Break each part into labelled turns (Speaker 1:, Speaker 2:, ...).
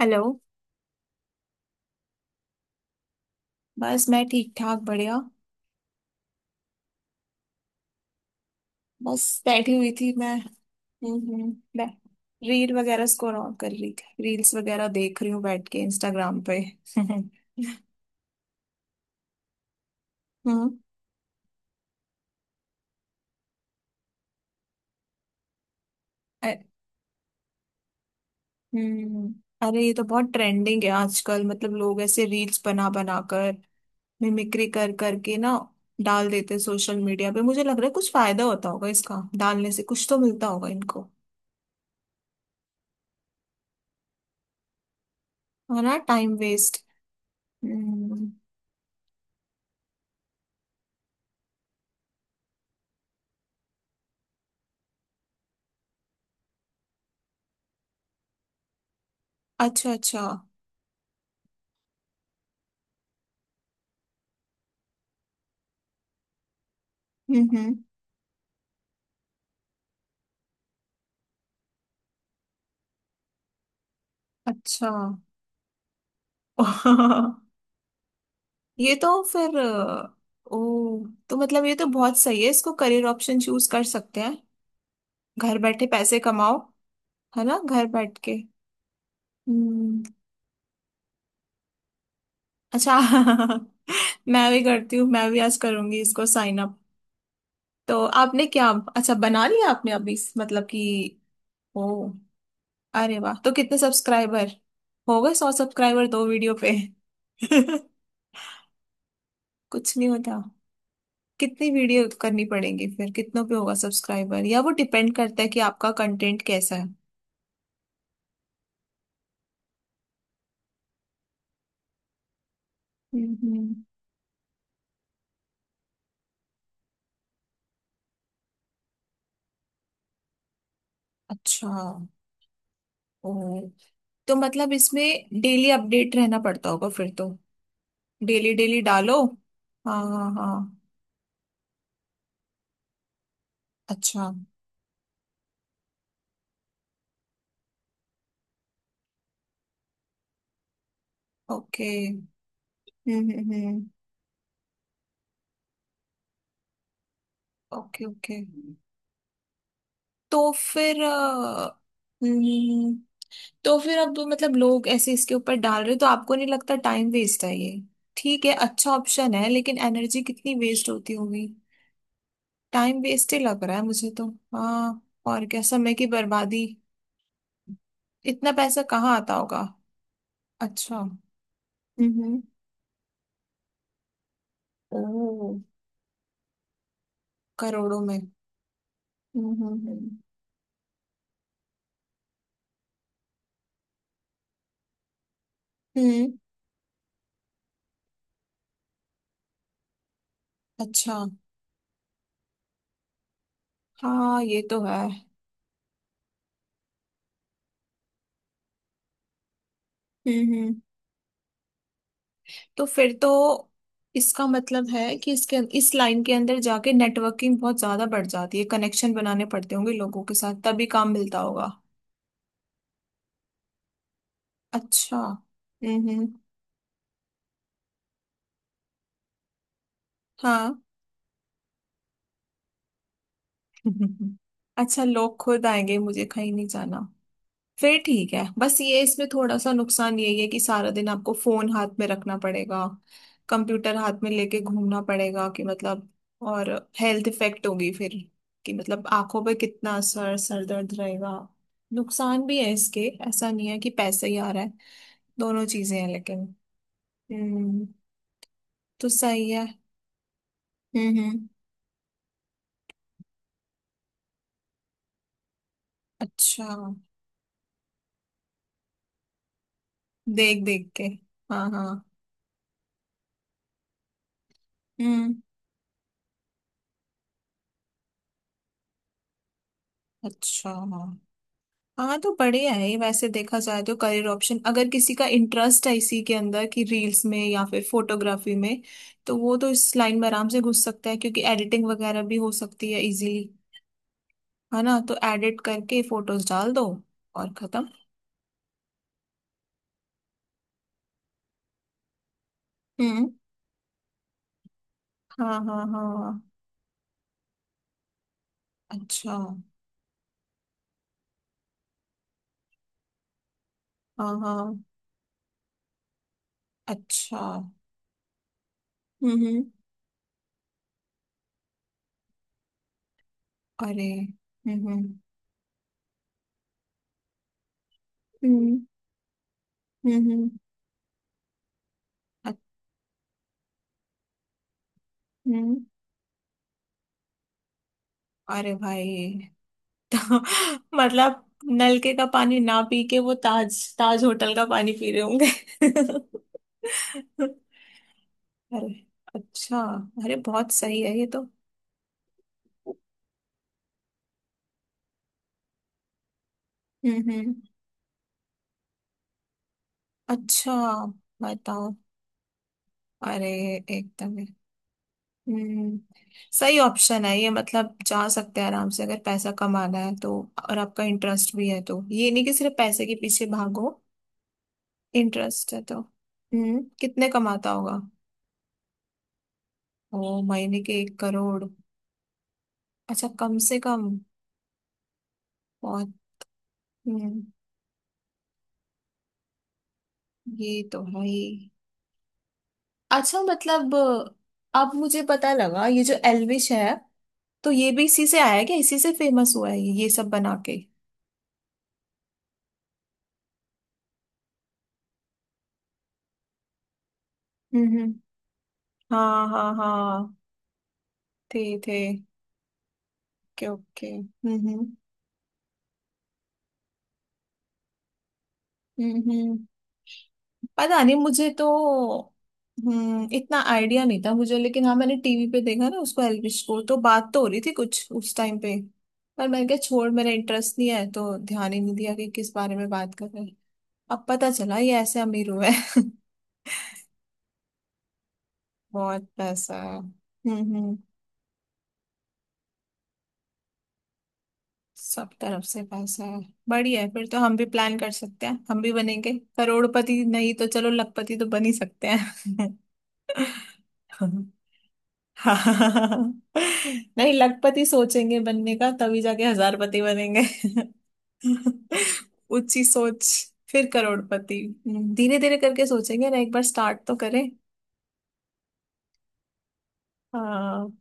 Speaker 1: Hello. बस मैं ठीक ठाक बढ़िया। बस बैठी हुई थी मैं। मैं रील वगैरह स्क्रॉल ऑन कर रही थी। रील्स वगैरह देख रही हूँ बैठ के इंस्टाग्राम पे हम्म। अ- हम्म, अरे ये तो बहुत ट्रेंडिंग है आजकल। मतलब लोग ऐसे रील्स बना बना कर मिमिक्री कर करके ना डाल देते सोशल मीडिया पे। मुझे लग रहा है कुछ फायदा होता होगा इसका, डालने से कुछ तो मिलता होगा इनको। है ना, टाइम वेस्ट। हम्म। अच्छा अच्छा। हम्म। अच्छा ये तो फिर ओ तो मतलब ये तो बहुत सही है। इसको करियर ऑप्शन चूज कर सकते हैं। घर बैठे पैसे कमाओ। है ना, घर बैठ के। हम्म। अच्छा मैं भी करती हूँ, मैं भी आज करूंगी इसको साइन अप। तो आपने क्या अच्छा बना लिया आपने अभी मतलब कि। ओ, अरे वाह, तो कितने सब्सक्राइबर हो गए? सौ सब्सक्राइबर दो वीडियो पे? कुछ नहीं होता। कितनी वीडियो करनी पड़ेगी फिर? कितनों पे होगा सब्सक्राइबर? या वो डिपेंड करता है कि आपका कंटेंट कैसा है? हम्म। अच्छा। ओ, तो मतलब इसमें डेली अपडेट रहना पड़ता होगा फिर तो। डेली डेली डालो। हाँ हाँ हाँ। अच्छा। ओके। हम्म। हम्म। Okay okay. तो फिर हम्म, तो फिर अब मतलब लोग ऐसे इसके ऊपर डाल रहे हो, तो आपको नहीं लगता टाइम वेस्ट है ये? ठीक है, अच्छा ऑप्शन है, लेकिन एनर्जी कितनी वेस्ट होती होगी। टाइम वेस्ट ही लग रहा है मुझे तो। हाँ। और क्या, समय की बर्बादी। इतना पैसा कहाँ आता होगा? अच्छा। हम्म। ओ, करोड़ों में? हम्म। हम्म। अच्छा। हाँ, ये तो है। हम्म, हम्म। तो फिर तो इसका मतलब है कि इसके, इस लाइन के अंदर जाके नेटवर्किंग बहुत ज्यादा बढ़ जाती है। कनेक्शन बनाने पड़ते होंगे लोगों के साथ, तभी काम मिलता होगा। अच्छा। हम्म। हाँ अच्छा, लोग खुद आएंगे, मुझे कहीं नहीं जाना। फिर ठीक है। बस ये इसमें थोड़ा सा नुकसान यही है कि सारा दिन आपको फोन हाथ में रखना पड़ेगा, कंप्यूटर हाथ में लेके घूमना पड़ेगा। कि मतलब, और हेल्थ इफेक्ट होगी फिर। कि मतलब आंखों पे कितना असर, सर दर्द रहेगा। नुकसान भी है इसके। ऐसा नहीं है कि पैसे ही आ रहा है। दोनों चीजें हैं लेकिन। हम्म। तो सही है। हम्म। अच्छा, देख देख के। हाँ हाँ। हम्म। अच्छा हाँ। हाँ, तो बढ़िया है ये वैसे, देखा जाए तो करियर ऑप्शन, अगर किसी का इंटरेस्ट है इसी के अंदर कि रील्स में या फिर फोटोग्राफी में, तो वो तो इस लाइन में आराम से घुस सकता है, क्योंकि एडिटिंग वगैरह भी हो सकती है इजीली। है ना, तो एडिट करके फोटोज डाल दो और खत्म। हम्म। हाँ हाँ हाँ। अच्छा। हाँ हाँ। अच्छा। हम्म। अरे। हम्म। हम्म। हम्म। अ- हम्म। अरे भाई मतलब नलके का पानी ना पी के वो ताज ताज होटल का पानी पी रहे होंगे अरे, अच्छा। अरे बहुत सही है ये तो। हम्म। अच्छा, बताओ। अरे, एकदम ही। हम्म। सही ऑप्शन है ये, मतलब जा सकते हैं आराम से, अगर पैसा कमाना है तो। और आपका इंटरेस्ट भी है तो, ये नहीं कि सिर्फ पैसे के पीछे भागो। इंटरेस्ट है तो। हम्म, कितने कमाता होगा? ओ, महीने के एक करोड़? अच्छा, कम से कम। बहुत। हम्म, ये तो है ही। अच्छा मतलब, अब मुझे पता लगा ये जो एल्विश है, तो ये भी इसी से आया है क्या? इसी से फेमस हुआ है ये सब बना के? हम्म। हाँ हाँ हाँ। थे थे। Okay okay. हम्म। हम्म हम्म। पता नहीं, मुझे तो इतना आइडिया नहीं था मुझे, लेकिन हाँ, मैंने टीवी पे देखा ना उसको, एल्विश को, तो बात तो हो रही थी कुछ उस टाइम पे। पर मैंने कहा छोड़, मेरा इंटरेस्ट नहीं है, तो ध्यान ही नहीं दिया कि किस बारे में बात कर रहे हैं। अब पता चला ये ऐसे अमीर हुए हैं। बहुत पैसा है। हम्म। सब तरफ से पैसा है। बढ़िया है फिर तो। हम भी प्लान कर सकते हैं। हम भी बनेंगे करोड़पति, नहीं तो चलो लखपति तो बन ही सकते हैं हाँ नहीं, लखपति सोचेंगे बनने का, तभी जाके हजारपति बनेंगे ऊंची सोच। फिर करोड़पति। धीरे धीरे करके सोचेंगे ना, एक बार स्टार्ट तो करें। हाँ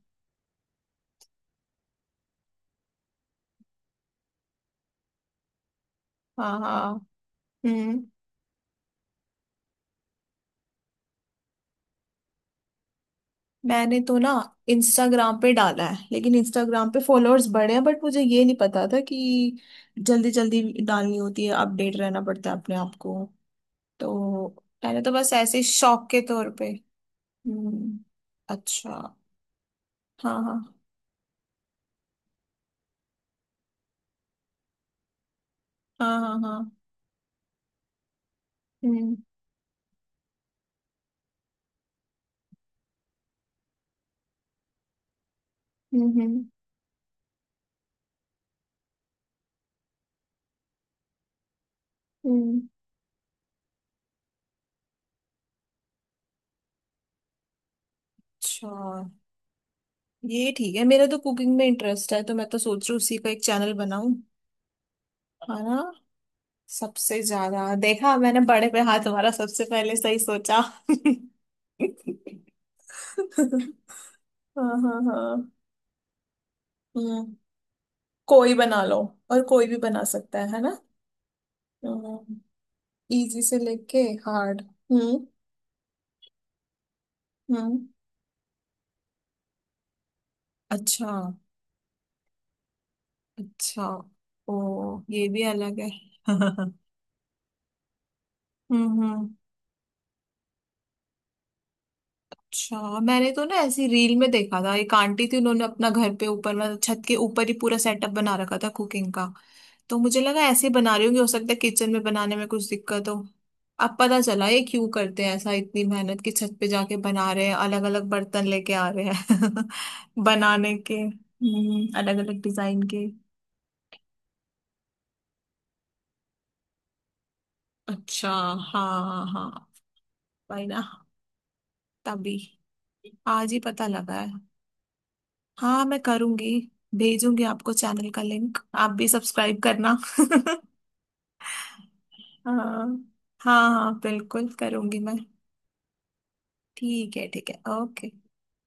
Speaker 1: हाँ हाँ। हम्म। मैंने तो ना इंस्टाग्राम पे डाला है, लेकिन इंस्टाग्राम पे फॉलोअर्स बढ़े हैं, बट मुझे ये नहीं पता था कि जल्दी जल्दी डालनी होती है, अपडेट रहना पड़ता है अपने आप को। तो मैंने तो बस ऐसे ही शौक के तौर पे। हम्म। अच्छा। हाँ हाँ। हाँ हाँ हाँ। हम्म हम्म। हम्म। अच्छा, ये ठीक है, मेरा तो कुकिंग में इंटरेस्ट है, तो मैं तो सोच रही हूँ उसी का एक चैनल बनाऊं। है ना, सबसे ज्यादा देखा मैंने, बड़े पे हाथ हमारा सबसे पहले, सही सोचा हाँ हाँ हाँ। हम्म, कोई बना लो। और कोई भी बना सकता है ना, इजी से लेके हार्ड। हम्म हम्म। अच्छा। अच्छा, ओ ये भी अलग है हम्म। हम्म। अच्छा, मैंने तो ना ऐसी रील में देखा था, एक आंटी थी, उन्होंने अपना घर पे ऊपर, मतलब छत के ऊपर ही पूरा सेटअप बना रखा था कुकिंग का। तो मुझे लगा ऐसे ही बना रही होंगी, हो सकता है किचन में बनाने में कुछ दिक्कत हो। अब पता चला ये क्यों करते हैं ऐसा, इतनी मेहनत की छत पे जाके बना रहे हैं, अलग अलग बर्तन लेके आ रहे हैं बनाने के, अलग अलग डिजाइन के। अच्छा। हाँ हाँ, भाई ना। तभी, आज ही पता लगा। हाँ, मैं करूंगी। भेजूंगी आपको चैनल का लिंक, आप भी सब्सक्राइब करना हाँ हाँ हाँ, बिल्कुल करूंगी मैं। ठीक है, ठीक है, ओके।